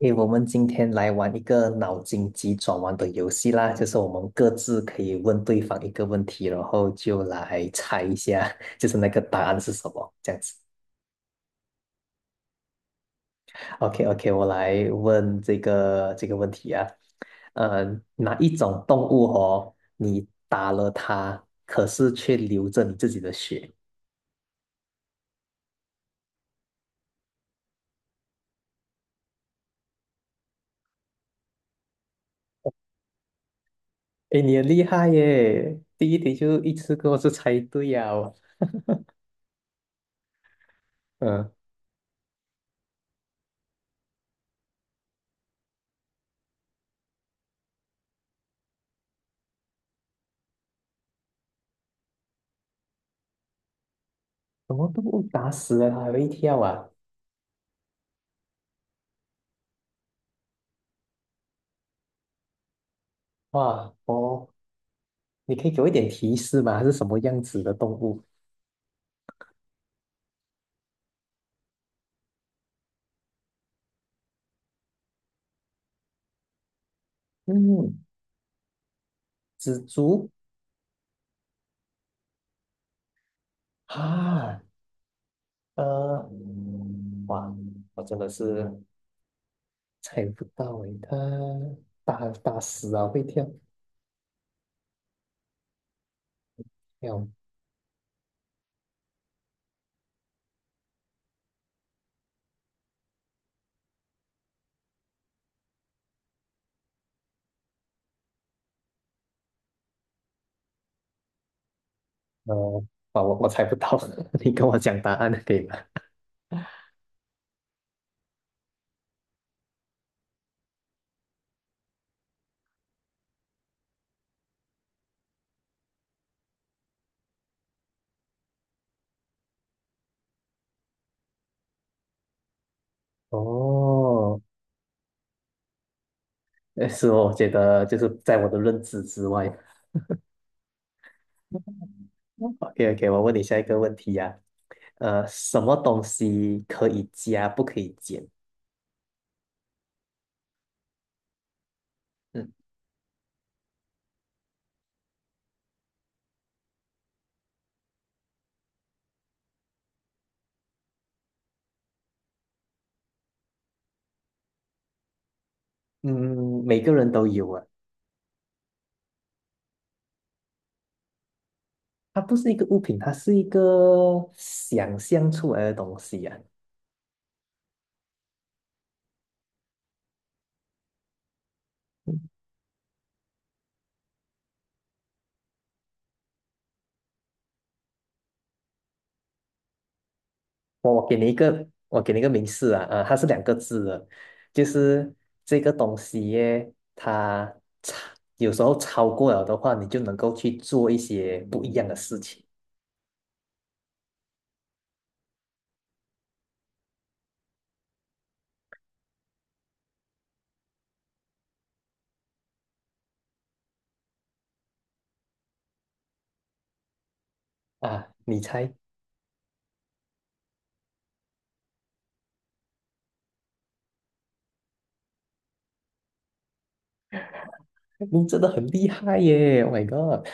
诶，我们今天来玩一个脑筋急转弯的游戏啦，就是我们各自可以问对方一个问题，然后就来猜一下，就是那个答案是什么，这样子。OK OK，我来问这个问题啊，呃，哪一种动物哦，你打了它，可是却流着你自己的血？诶，你很厉害耶，第一题就一次给我就猜对呀。嗯，什么动物打死了它还会跳啊？哇，哦。你可以给我一点提示吗？它是什么样子的动物？嗯，蜘蛛啊。呃，哇，我真的是猜不到诶，它大大师啊，会跳，跳。呃，啊，我猜不到，你跟我讲答案可以吗？哦。是哦，我觉得就是在我的认知之外。OK OK，我问你下一个问题呀、什么东西可以加不可以减？嗯嗯，每个人都有啊。它不是一个物品，它是一个想象出来的东西啊。我给你一个，我给你一个明示啊，啊，它是两个字的。就是这个东西耶，它超有时候超过了的话，你就能够去做一些不一样的事情啊。你猜。你真的很厉害耶！Oh my god，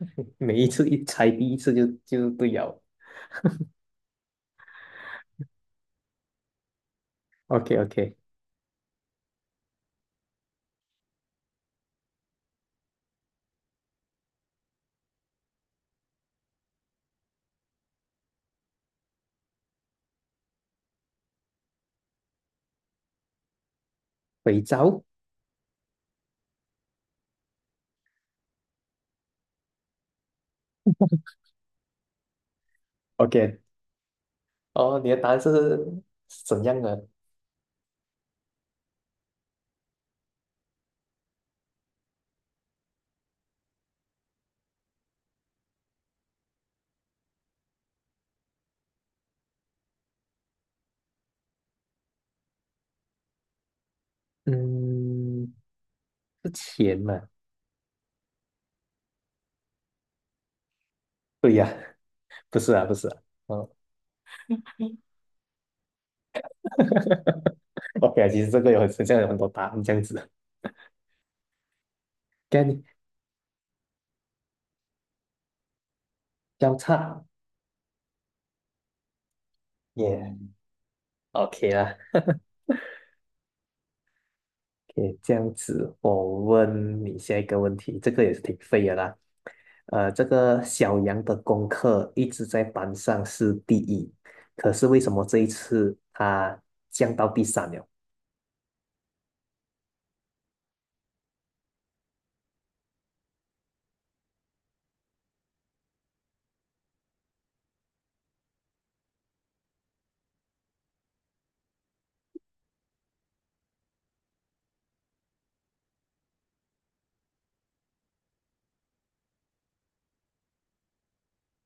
每一次一猜第一次就对了。OK OK。肥皂。OK，哦，你的答案是是怎样的？嗯，是钱嘛？对呀、不是啊，不是啊。哦 ，OK 啊，其实这个有很多答案这样子。该你交叉耶，OK 啦，OK 这样子。我问你下一个问题，这个也是挺废的啦。这个小杨的功课一直在班上是第一，可是为什么这一次他降到第三了？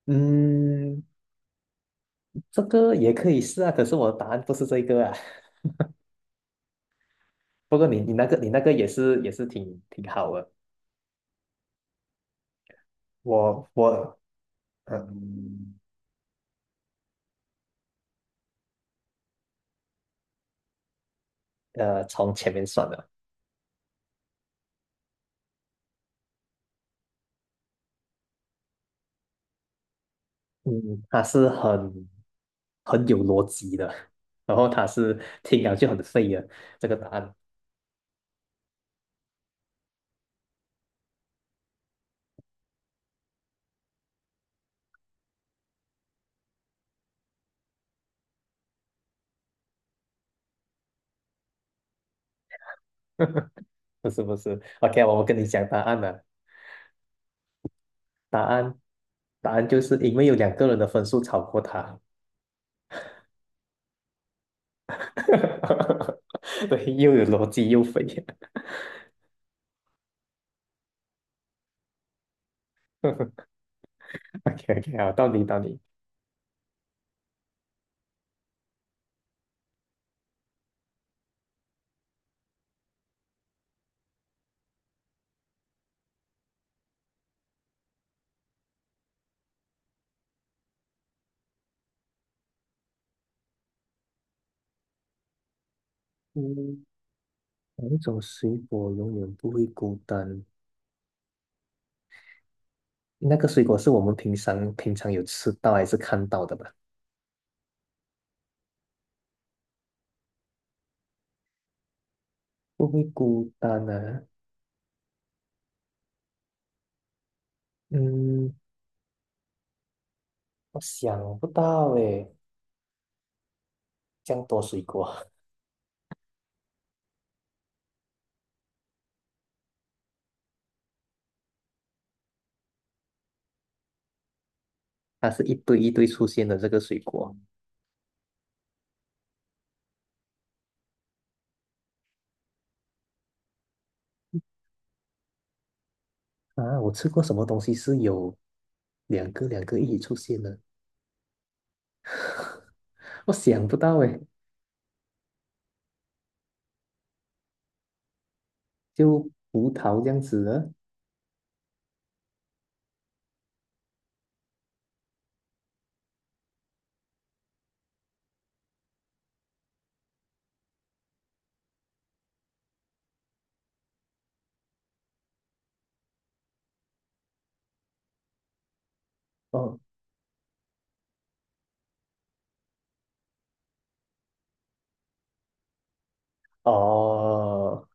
嗯，这个也可以是啊，可是我的答案不是这个啊。不过你那个也是挺好的。我我嗯呃，从前面算的。嗯，他是很有逻辑的，然后他是听了就很废的这个答案。不是不是，OK，我跟你讲答案了。答案答案就是因为有两个人的分数超过他。对，又有逻辑又肥。OK OK，好，到你。嗯。哪一种水果永远不会孤单？那个水果是我们平常有吃到还是看到的吧？不会孤单啊？嗯，我想不到诶，这样多水果。它是一堆一堆出现的这个水果啊。我吃过什么东西是有两个两个一起出现的？我想不到诶，就葡萄这样子的。哦哦，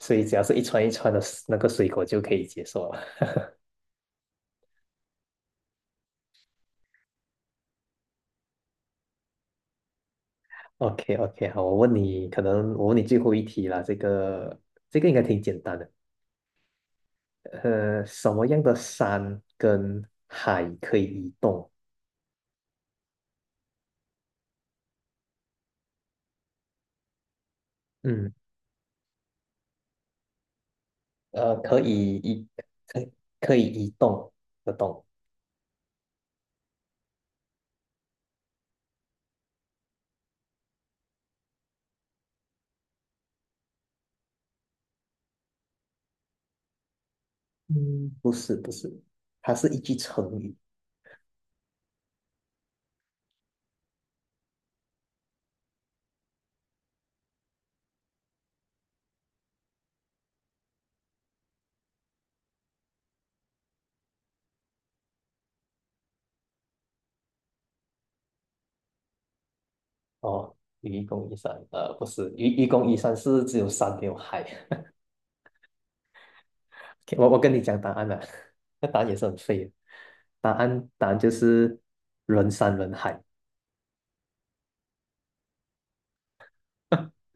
所以只要是一串一串的那个水果就可以接受了。OK OK，好，我问你，可能我问你最后一题啦。这个应该挺简单的。什么样的山跟海可以移动？嗯，呃，可以移，可以可以移动的动。嗯，不是不是，它是一句成语哦。愚公移山，不是愚公移山是只有山没有海。OK，我跟你讲答案了，那答案也是很废的。答案就是人山人海。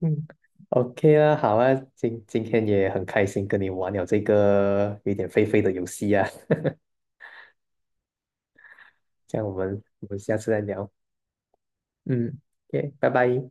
嗯，OK 啦，好啊，今天也很开心跟你玩了这个有点废废的游戏啊，这样我们下次再聊。嗯，OK，拜拜。